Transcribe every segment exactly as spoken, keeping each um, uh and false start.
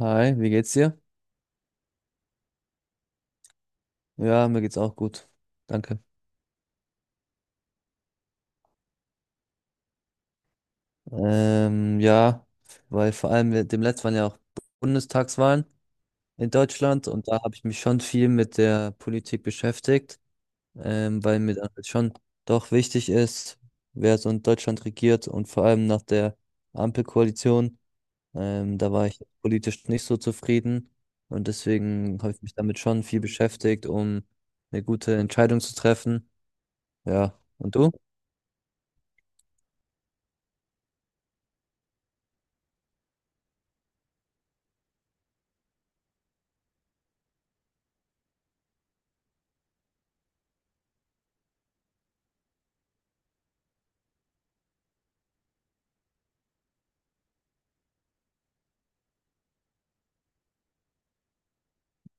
Hi, wie geht's dir? Ja, mir geht's auch gut. Danke. Ähm, ja, weil vor allem mit dem letzten waren ja auch Bundestagswahlen in Deutschland, und da habe ich mich schon viel mit der Politik beschäftigt, ähm, weil mir dann halt schon doch wichtig ist, wer so in Deutschland regiert, und vor allem nach der Ampelkoalition. Ähm, da war ich politisch nicht so zufrieden, und deswegen habe ich mich damit schon viel beschäftigt, um eine gute Entscheidung zu treffen. Ja, und du?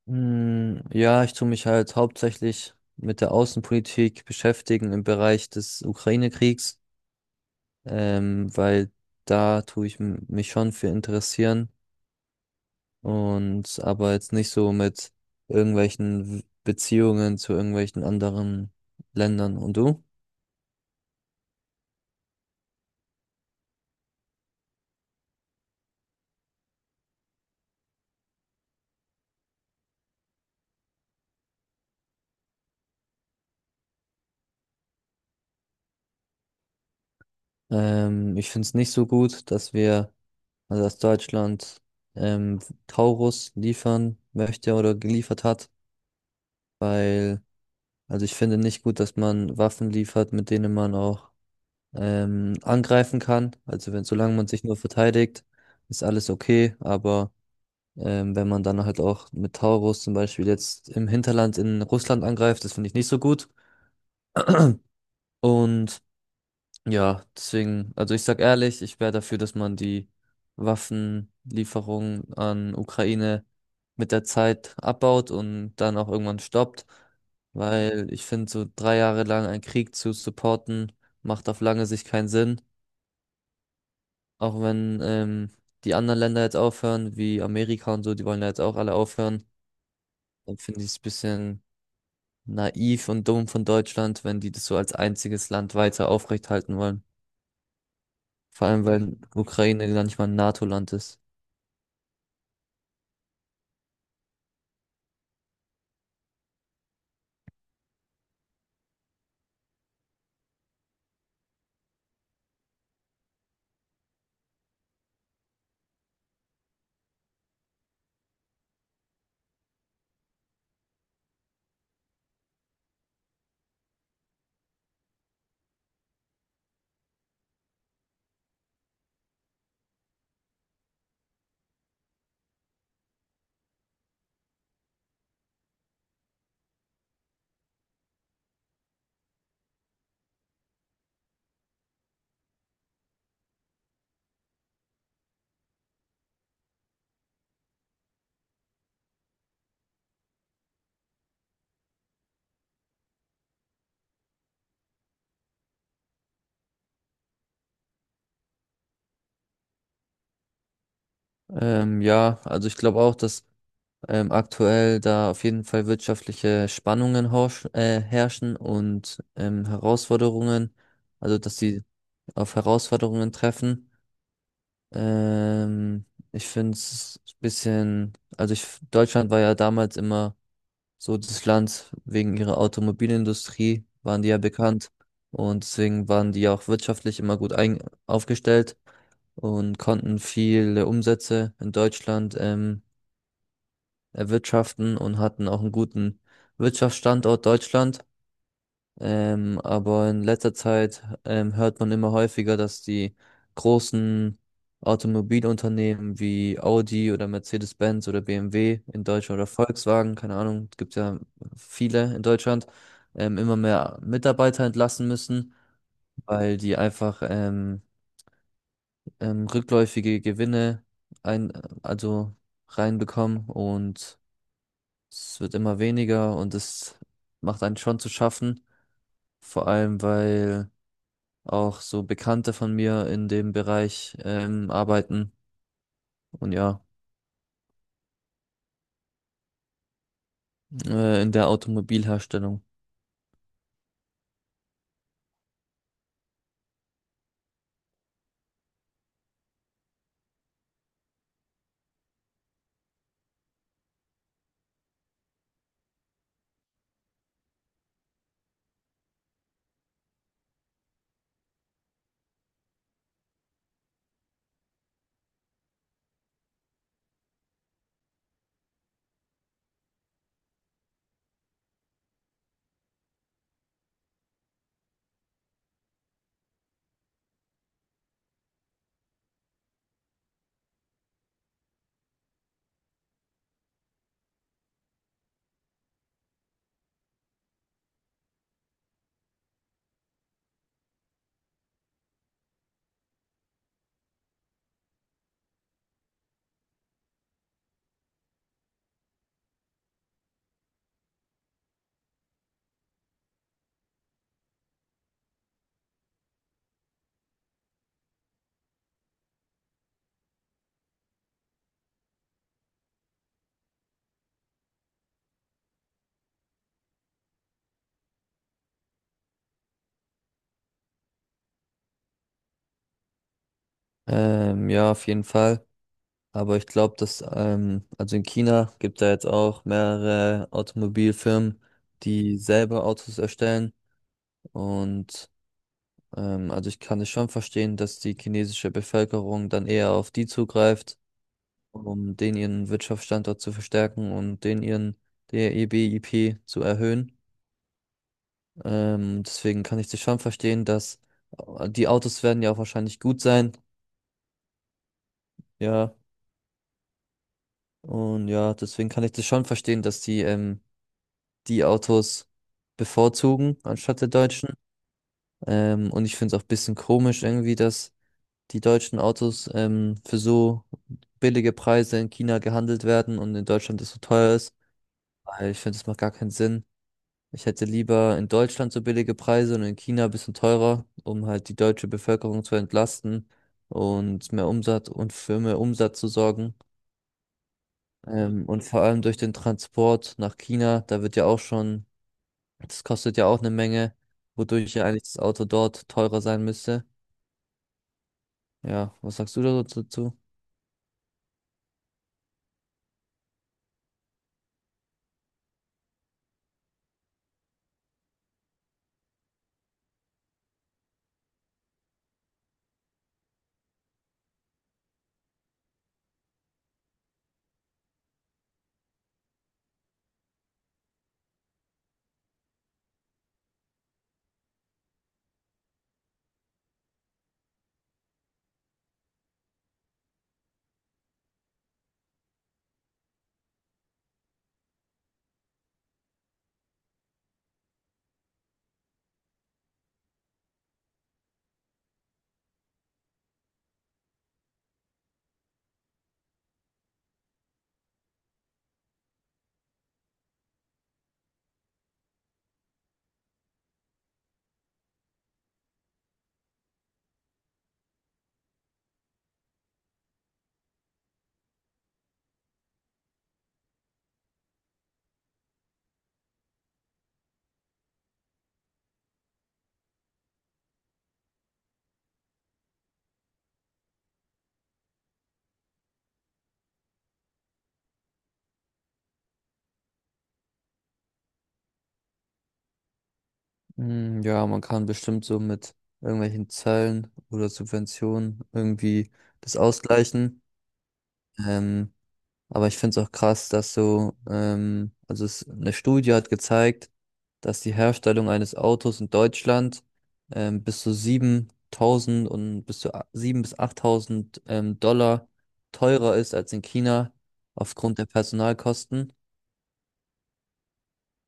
Hm, Ja, ich tue mich halt hauptsächlich mit der Außenpolitik beschäftigen im Bereich des Ukraine-Kriegs, ähm, weil da tue ich m- mich schon für interessieren, und aber jetzt nicht so mit irgendwelchen W- Beziehungen zu irgendwelchen anderen Ländern. Und du? Ähm, ich finde es nicht so gut, dass wir, also dass Deutschland ähm, Taurus liefern möchte oder geliefert hat, weil Also ich finde nicht gut, dass man Waffen liefert, mit denen man auch ähm, angreifen kann. Also wenn, solange man sich nur verteidigt, ist alles okay. Aber ähm, wenn man dann halt auch mit Taurus zum Beispiel jetzt im Hinterland in Russland angreift, das finde ich nicht so gut. Und Ja, deswegen, also ich sag ehrlich, ich wäre dafür, dass man die Waffenlieferungen an Ukraine mit der Zeit abbaut und dann auch irgendwann stoppt, weil ich finde, so drei Jahre lang einen Krieg zu supporten, macht auf lange Sicht keinen Sinn. Auch wenn ähm, die anderen Länder jetzt aufhören, wie Amerika und so, die wollen ja jetzt auch alle aufhören, dann finde ich es ein bisschen naiv und dumm von Deutschland, wenn die das so als einziges Land weiter aufrechthalten wollen. Vor allem, weil Ukraine gar nicht mal ein NATO-Land ist. Ähm, ja, also ich glaube auch, dass ähm, aktuell da auf jeden Fall wirtschaftliche Spannungen horsch, äh, herrschen, und ähm, Herausforderungen, also dass sie auf Herausforderungen treffen. Ähm, Ich finde es ein bisschen, also ich, Deutschland war ja damals immer so das Land wegen ihrer Automobilindustrie, waren die ja bekannt, und deswegen waren die ja auch wirtschaftlich immer gut ein, aufgestellt, und konnten viele Umsätze in Deutschland ähm, erwirtschaften und hatten auch einen guten Wirtschaftsstandort Deutschland. Ähm, aber in letzter Zeit ähm, hört man immer häufiger, dass die großen Automobilunternehmen wie Audi oder Mercedes-Benz oder B M W in Deutschland oder Volkswagen, keine Ahnung, es gibt ja viele in Deutschland, ähm, immer mehr Mitarbeiter entlassen müssen, weil die einfach ähm, ähm, rückläufige Gewinne ein, also reinbekommen, und es wird immer weniger, und es macht einen schon zu schaffen, vor allem weil auch so Bekannte von mir in dem Bereich ähm, arbeiten, und ja, äh, in der Automobilherstellung. Ähm, ja, auf jeden Fall. Aber ich glaube, dass, ähm, also in China gibt da jetzt auch mehrere Automobilfirmen, die selber Autos erstellen, und ähm, also ich kann es schon verstehen, dass die chinesische Bevölkerung dann eher auf die zugreift, um den ihren Wirtschaftsstandort zu verstärken und den ihren der B I P zu erhöhen. Ähm, deswegen kann ich das schon verstehen, dass äh, die Autos werden ja auch wahrscheinlich gut sein. Ja, und ja, deswegen kann ich das schon verstehen, dass die ähm, die Autos bevorzugen anstatt der Deutschen. Ähm, und ich finde es auch ein bisschen komisch irgendwie, dass die deutschen Autos ähm, für so billige Preise in China gehandelt werden und in Deutschland das so teuer ist. Weil ich finde, das macht gar keinen Sinn. Ich hätte lieber in Deutschland so billige Preise und in China ein bisschen teurer, um halt die deutsche Bevölkerung zu entlasten und mehr Umsatz und für mehr Umsatz zu sorgen. Ähm, und vor allem durch den Transport nach China, da wird ja auch schon, das kostet ja auch eine Menge, wodurch ja eigentlich das Auto dort teurer sein müsste. Ja, was sagst du da so dazu? Hm, Ja, man kann bestimmt so mit irgendwelchen Zöllen oder Subventionen irgendwie das ausgleichen. Ähm, aber ich finde es auch krass, dass so, ähm, also es, eine Studie hat gezeigt, dass die Herstellung eines Autos in Deutschland ähm, bis zu siebentausend und bis zu a- siebentausend bis achttausend ähm, Dollar teurer ist als in China aufgrund der Personalkosten.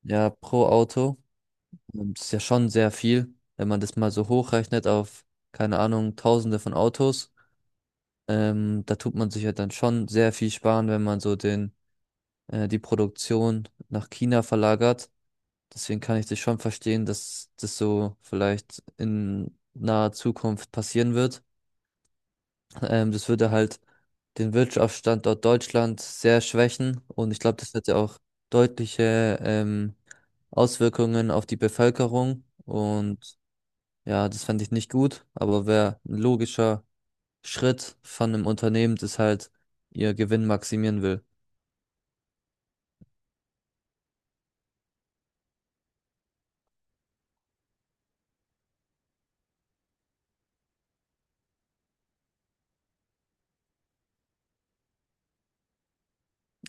Ja, pro Auto. Und das ist ja schon sehr viel, wenn man das mal so hochrechnet auf, keine Ahnung, Tausende von Autos. Ähm, da tut man sich ja dann schon sehr viel sparen, wenn man so den, äh, die Produktion nach China verlagert. Deswegen kann ich das schon verstehen, dass das so vielleicht in naher Zukunft passieren wird. Ähm, das würde halt den Wirtschaftsstandort Deutschland sehr schwächen, und ich glaube, das hätte auch deutliche ähm, Auswirkungen auf die Bevölkerung. Und ja, das fand ich nicht gut, aber wäre ein logischer Schritt von einem Unternehmen, das halt ihr Gewinn maximieren will.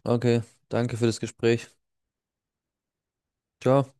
Okay, danke für das Gespräch. Ciao.